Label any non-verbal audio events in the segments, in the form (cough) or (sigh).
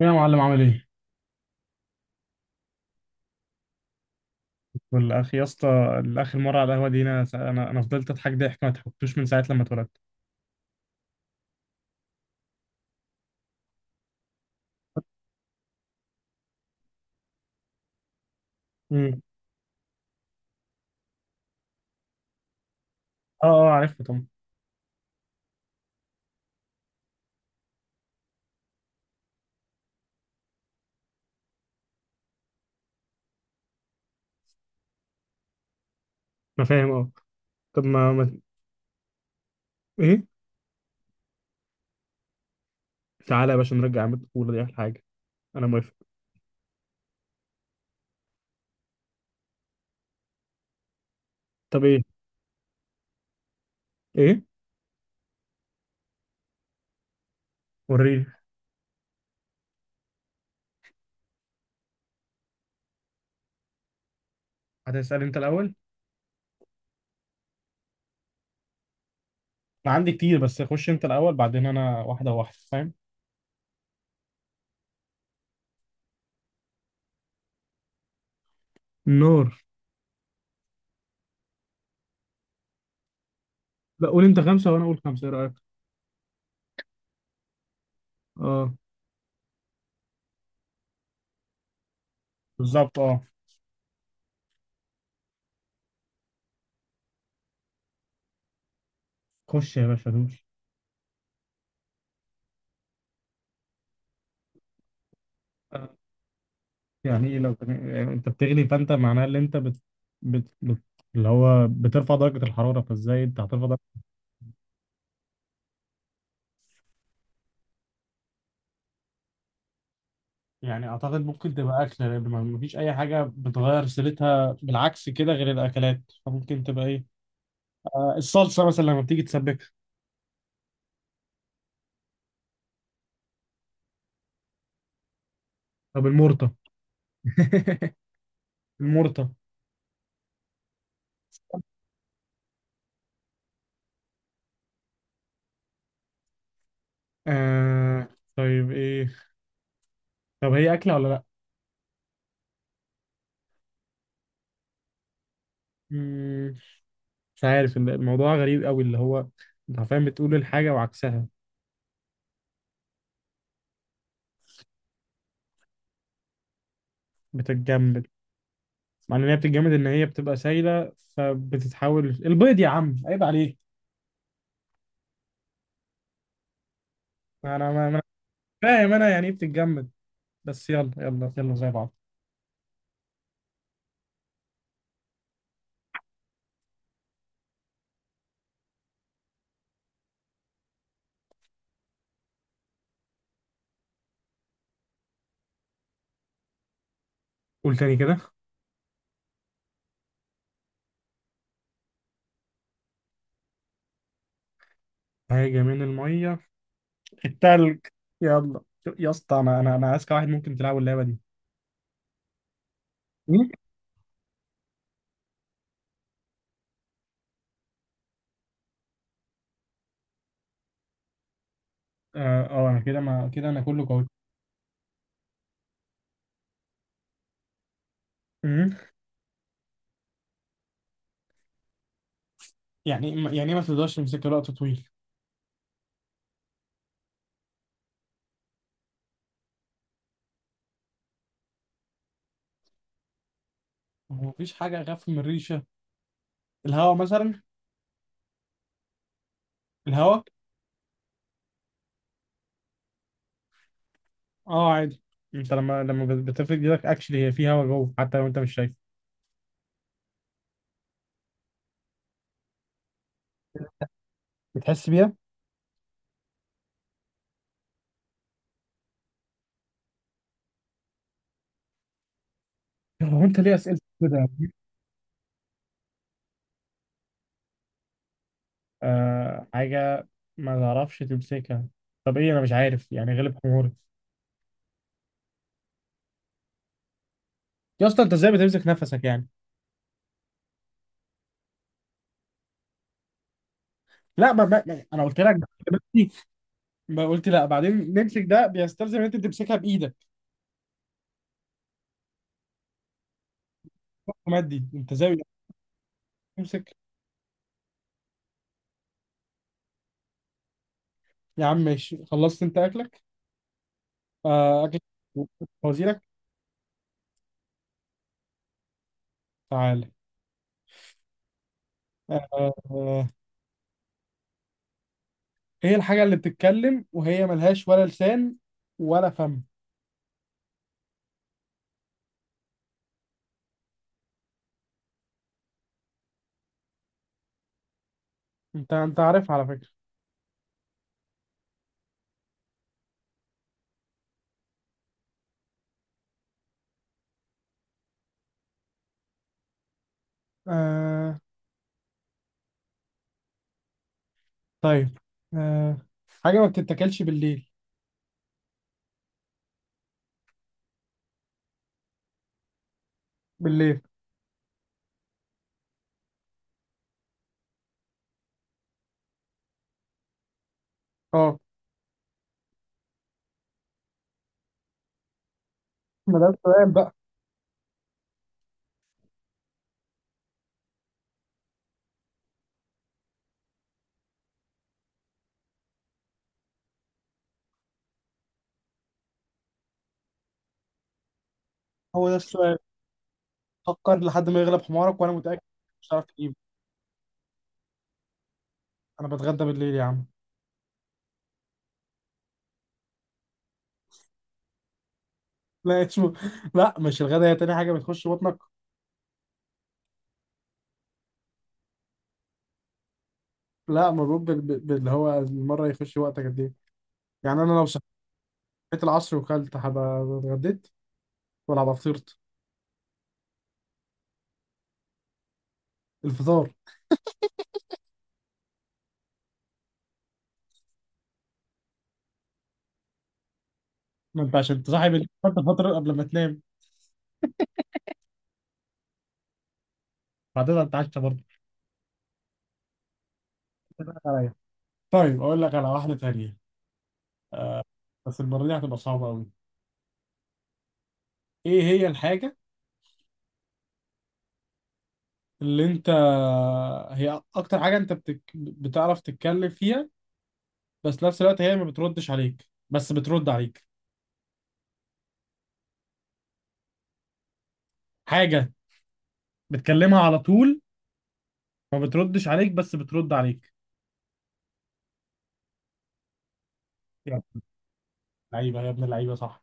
يا معلم عامل ايه؟ والأخ يا اسطى. الأخ المرة على القهوة دي أنا فضلت أضحك ضحك ما ضحكتوش من ساعة لما اتولدت. امم أه أه، عارفها طبعا. انا فاهم، اه. طب ما, ما ايه؟ تعالى يا باشا، نرجع عماد الطفوله دي احلى حاجه. انا موافق. طب ايه؟ ايه؟ وريني. هتسأل أنت الأول؟ أنا عندي كتير، بس خش أنت الأول بعدين أنا، واحدة واحدة، فاهم؟ النار. لا، قول انت خمسه وانا اقول خمسه، ايه رايك؟ اه، بالظبط أه. خش يا باشا دوس. يعني ايه يعني انت بتغلي فانت معناه ان انت بت... بت... اللي هو بترفع درجة الحرارة، فازاي انت هترفع درجة؟ يعني اعتقد ممكن تبقى اكله، لان ما فيش اي حاجه بتغير سيرتها بالعكس كده غير الاكلات، فممكن تبقى ايه، آه، الصلصه مثلا لما بتيجي تسبكها. طب المرطة؟ (laughs) المرطه. آه. طيب ايه؟ طب هي أكلة ولا لأ؟ مم، مش عارف الموضوع غريب قوي، اللي هو انت عارفين بتقول الحاجة وعكسها. بتتجمد؟ معنى ان هي بتتجمد ان هي بتبقى سايله، فبتتحول البيض يا عم، عيب عليك. انا ما ما- فاهم انا يعني ايه بتتجمد، بس يلا يلا يلا زي بعض. قول تاني كده. حاجه من الميه؟ التلج. يلا. يا اسطى، انا اذكى واحد ممكن تلعب اللعبه دي. مين؟ اه، آه، انا كده، ما كده انا كله قوي. مم. يعني إيه يعني إيه ما تقدرش تمسك وقت طويل؟ هو مفيش حاجه اخف من الريشه؟ الهواء مثلا. الهواء. اه عادي. انت لما بتفرد ايدك اكشلي هي في هواء جوه حتى لو انت مش شايف. بتحس بيها. هو انت ليه اسئلتك كده؟ آه، حاجه ما تعرفش تمسكها. طب ايه؟ انا مش عارف، يعني غلب حموري. يا اسطى، انت ازاي بتمسك نفسك يعني؟ لا ما, ما, ما انا قلت لك. دلوقتي- ما قلت لا بعدين نمسك، ده بيستلزم ان انت تمسكها بايدك. مادي انت ازاي تمسك؟ يا عم ماشي، خلصت انت اكلك. آه اكل. وزيرك. تعالى. آه. آه، هي الحاجه اللي بتتكلم وهي ملهاش ولا لسان ولا فم. انت انت عارف على فكره. آه. طيب. آه. حاجة ما بتتاكلش بالليل. بالليل. اه. ما ده السؤال بقى. هو ده السؤال. فكر لحد ما يغلب حمارك، وانا متأكد مش هتعرف تجيبه. انا بتغدى بالليل يا عم. لا اسمه (laughs) لا مش الغدا، هي تاني حاجة بتخش بطنك. لا مربوط باللي هو المرة يخش وقتك قد ايه. يعني انا لو صحيت العصر وكلت هبقى اتغديت ولا هبقى فطرت؟ الفطار. ما انت عشان تصاحب الفطر فترة قبل ما تنام، بعدين هتتعشى برضه. (laughs) عليا. طيب اقول لك على واحدة تانية، بس المرة دي هتبقى صعبة قوي. ايه هي الحاجة اللي انت، هي اكتر حاجه انت بتعرف تتكلم فيها، بس نفس الوقت هي ما بتردش عليك بس بترد عليك. حاجه بتكلمها على طول، ما بتردش عليك بس بترد عليك. يا ابن اللعيبه، يا ابن اللعيبه، صح.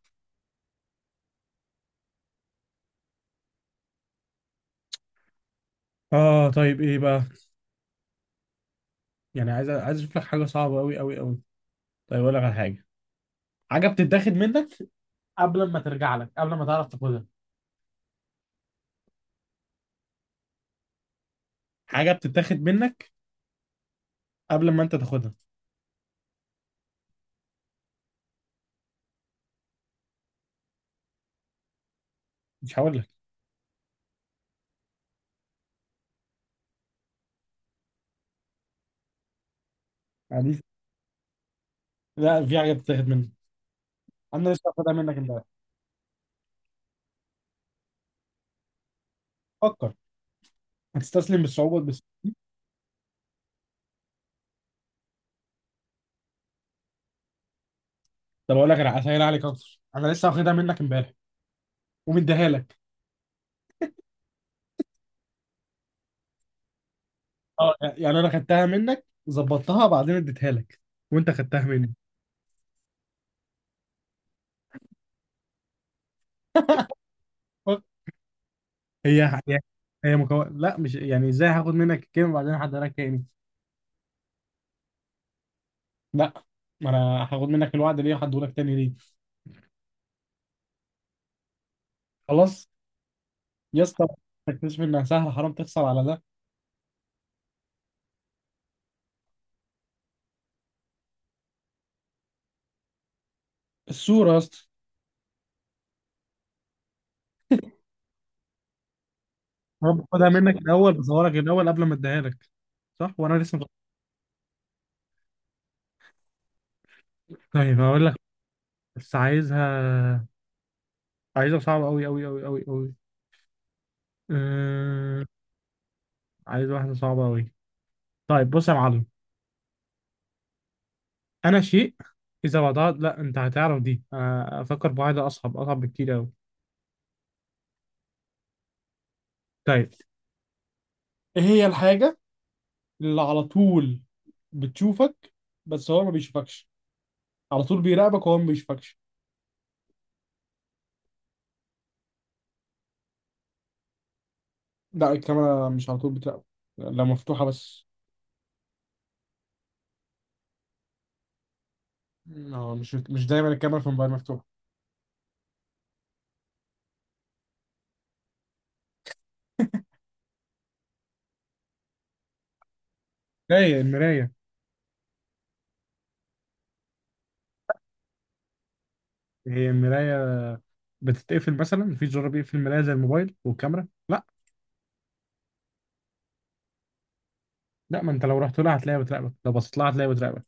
اه، طيب ايه بقى؟ يعني عايز اشوف لك حاجه صعبه قوي قوي قوي. طيب اقول لك على حاجه. حاجه بتتاخد منك قبل ما ترجع لك، قبل ما تعرف تاخدها. حاجه بتتاخد منك قبل ما انت تاخدها. مش هقول لك، يعني. لا، في حاجه بتتاخد منك، انا لسه واخدها منك امبارح. فكر. هتستسلم بالصعوبه؟ طب اقول لك، انا هسهل عليك اكتر، انا لسه واخدها منك امبارح ومديها لك. اه، يعني انا خدتها منك ظبطتها بعدين اديتها لك، وانت خدتها مني. أوك. هي هي هي لا مش يعني ازاي هاخد منك الكلمه وبعدين هديها لك تاني؟ لا، ما انا هاخد منك الوعد ليه وهديه لك تاني ليه؟ خلاص. يا اسطى، تكتشف انها سهله، حرام تخسر على ده. الصوره يا اسطى. انا باخدها منك الاول بصورها لك الاول قبل ما اديها لك، صح، وانا لسه مش- طيب هقول لك، بس عايزها، عايزها صعبه قوي قوي قوي قوي قوي. عايز واحدة صعبة أوي. طيب بص يا معلم، أنا شيء إذا وضعت، لا أنت هتعرف دي، أنا أفكر بواحدة أصعب، أصعب بكتير أوي. طيب ايه هي الحاجة اللي على طول بتشوفك بس هو ما بيشوفكش؟ على طول بيراقبك وهو ما بيشوفكش. لا، الكاميرا مش على طول بتراقبك. لا مفتوحة بس. اه، مش مش دايما الكاميرا في الموبايل مفتوحة. هي المراية. هي المراية بتتقفل مثلا؟ مفيش زرار بيقفل المراية زي الموبايل والكاميرا، لا. لا، ما أنت لو رحت لها هتلاقيها بتراقبك، لو بصيت لها هتلاقيها بتراقبك.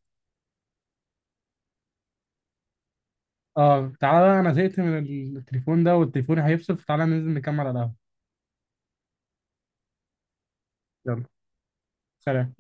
اه، تعالى بقى، انا زهقت من التليفون ده والتليفون هيفصل، فتعالى ننزل نكمل على القهوة. يلا. سلام